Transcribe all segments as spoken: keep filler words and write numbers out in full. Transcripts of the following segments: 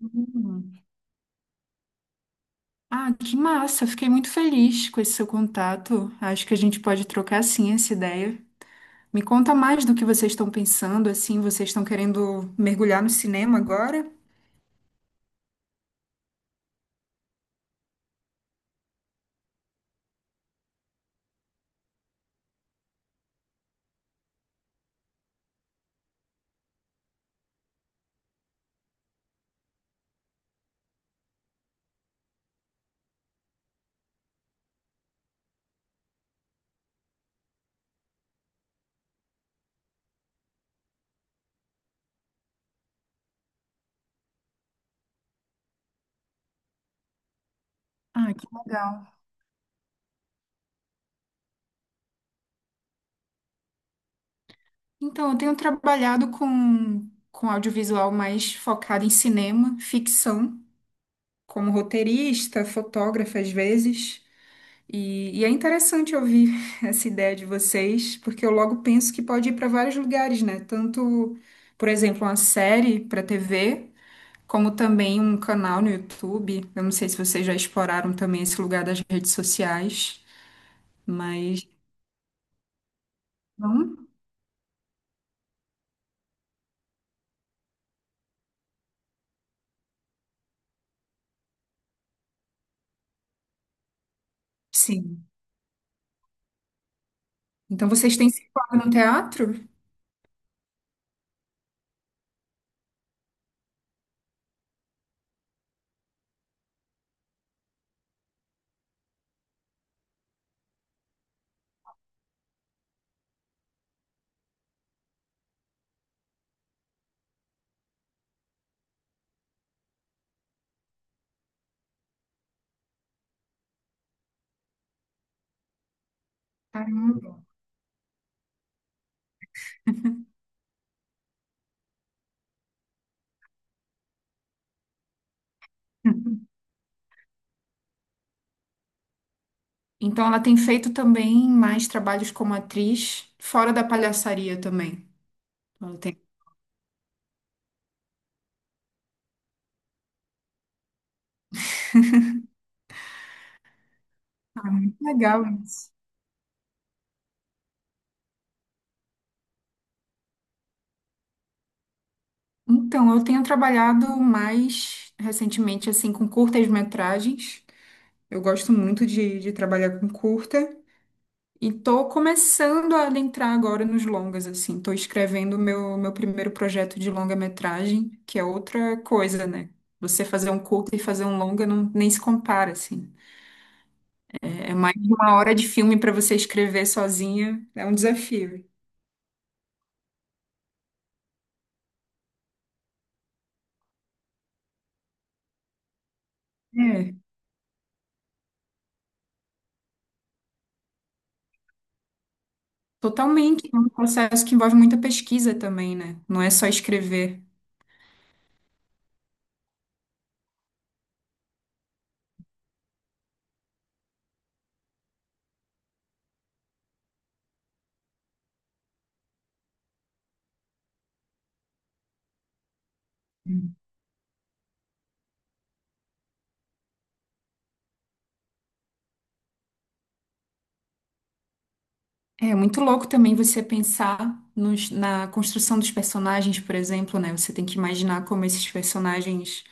Hum. Ah, que massa! Fiquei muito feliz com esse seu contato. Acho que a gente pode trocar sim essa ideia. Me conta mais do que vocês estão pensando, assim, vocês estão querendo mergulhar no cinema agora? Ah, que legal. Então, eu tenho trabalhado com, com audiovisual mais focado em cinema, ficção, como roteirista, fotógrafa às vezes. E, e é interessante ouvir essa ideia de vocês, porque eu logo penso que pode ir para vários lugares, né? Tanto, por exemplo, uma série para T V, como também um canal no YouTube. Eu não sei se vocês já exploraram também esse lugar das redes sociais, mas não, sim. Então vocês têm se formado no teatro? Caramba. Então ela tem feito também mais trabalhos como atriz, fora da palhaçaria também. Ela tem. Legal, né? Então, eu tenho trabalhado mais recentemente, assim, com curtas-metragens. Eu gosto muito de, de trabalhar com curta. E tô começando a adentrar agora nos longas, assim. Tô escrevendo o meu, meu primeiro projeto de longa-metragem, que é outra coisa, né? Você fazer um curta e fazer um longa não, nem se compara, assim. É mais de uma hora de filme para você escrever sozinha. É um desafio. É, totalmente. É um processo que envolve muita pesquisa também, né? Não é só escrever. É muito louco também você pensar nos- na construção dos personagens, por exemplo, né? Você tem que imaginar como esses personagens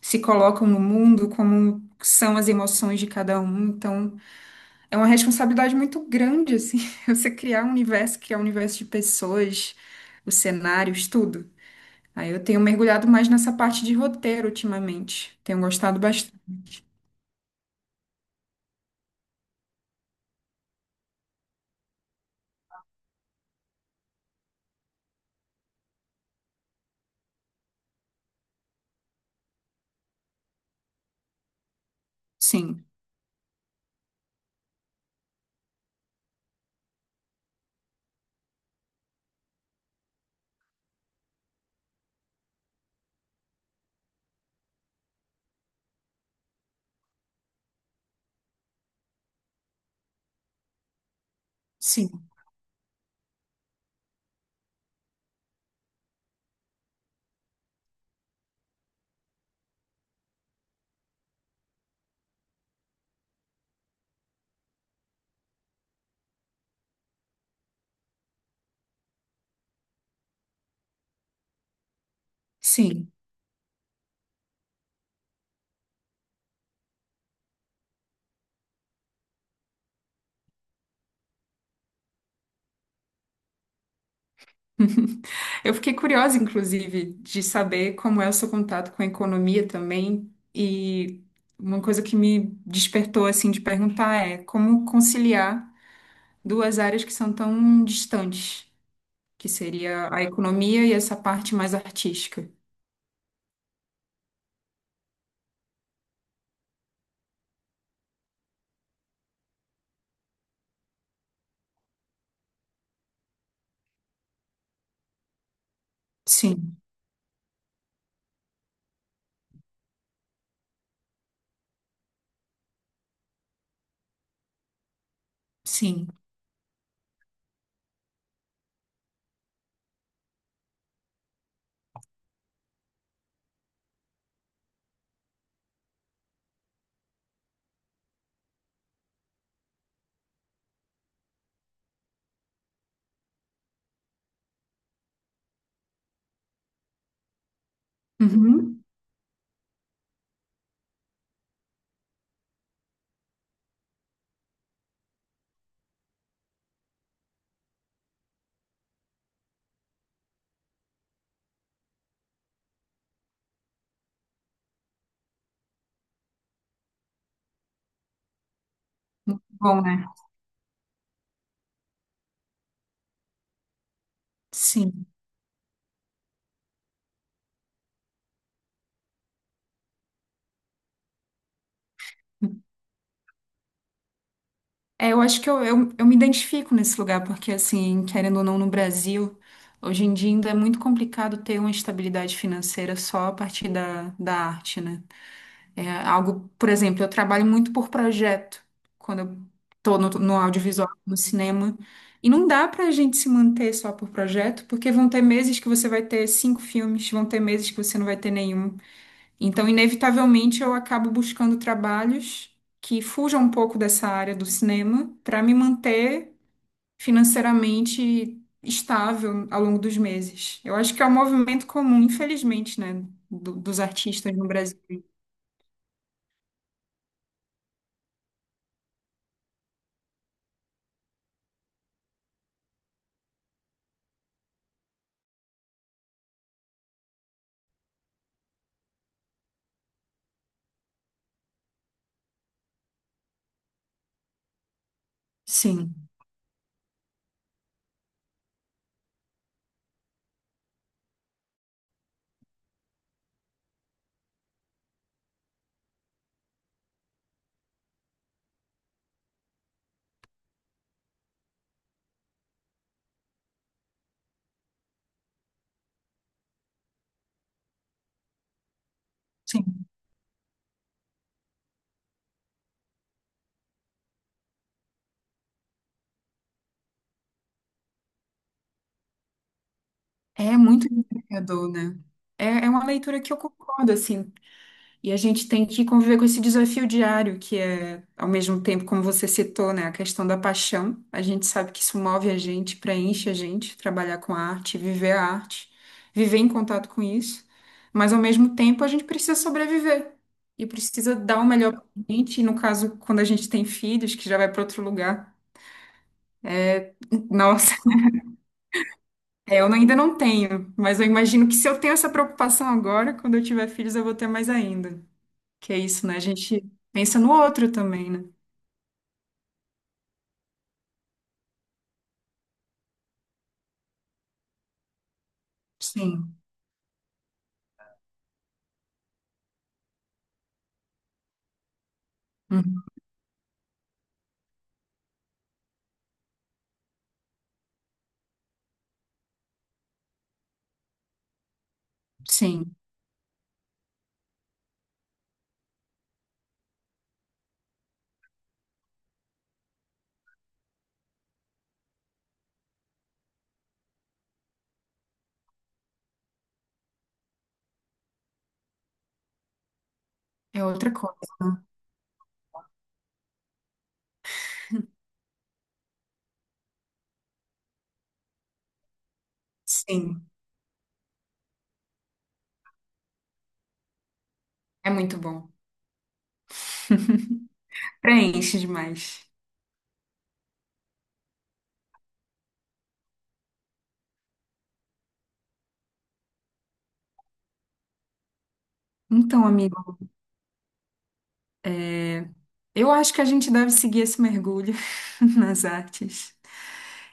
se colocam no mundo, como são as emoções de cada um. Então, é uma responsabilidade muito grande, assim, você criar um universo, criar um universo de pessoas, os cenários, tudo. Aí eu tenho mergulhado mais nessa parte de roteiro ultimamente. Tenho gostado bastante. Sim, sim, sim. Eu fiquei curiosa, inclusive, de saber como é o seu contato com a economia também. E uma coisa que me despertou, assim, de perguntar é como conciliar duas áreas que são tão distantes, que seria a economia e essa parte mais artística. Sim, sim. Uhum. Bom, né? Sim. É, eu acho que eu, eu, eu me identifico nesse lugar, porque, assim, querendo ou não, no Brasil, hoje em dia ainda é muito complicado ter uma estabilidade financeira só a partir da, da arte, né? É algo, por exemplo, eu trabalho muito por projeto, quando eu tô no, no audiovisual, no cinema, e não dá pra gente se manter só por projeto, porque vão ter meses que você vai ter cinco filmes, vão ter meses que você não vai ter nenhum. Então, inevitavelmente, eu acabo buscando trabalhos que fujam um pouco dessa área do cinema para me manter financeiramente estável ao longo dos meses. Eu acho que é um movimento comum, infelizmente, né, do- dos artistas no Brasil. Sim, sim. É muito desafiador, né? É, é uma leitura que eu concordo, assim. E a gente tem que conviver com esse desafio diário, que é, ao mesmo tempo, como você citou, né, a questão da paixão. A gente sabe que isso move a gente, preenche a gente, trabalhar com a arte, viver a arte, viver em contato com isso. Mas, ao mesmo tempo, a gente precisa sobreviver e precisa dar o melhor para a gente. E, no caso, quando a gente tem filhos, que já vai para outro lugar. Nossa, é, eu ainda não tenho, mas eu imagino que se eu tenho essa preocupação agora, quando eu tiver filhos, eu vou ter mais ainda. Que é isso, né? A gente pensa no outro também, né? Sim, uhum, sim, é outra coisa. Sim, é muito bom. Preenche demais. Então, amigo, eu acho que a gente deve seguir esse mergulho nas artes.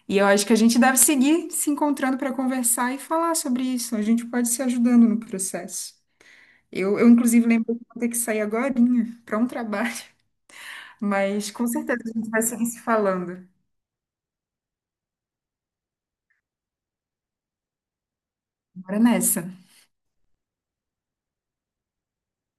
E eu acho que a gente deve seguir se encontrando para conversar e falar sobre isso. A gente pode se ajudando no processo. Eu, eu inclusive, lembro que vou ter que sair agorinha para um trabalho, mas com certeza a gente vai seguir se falando. Bora nessa.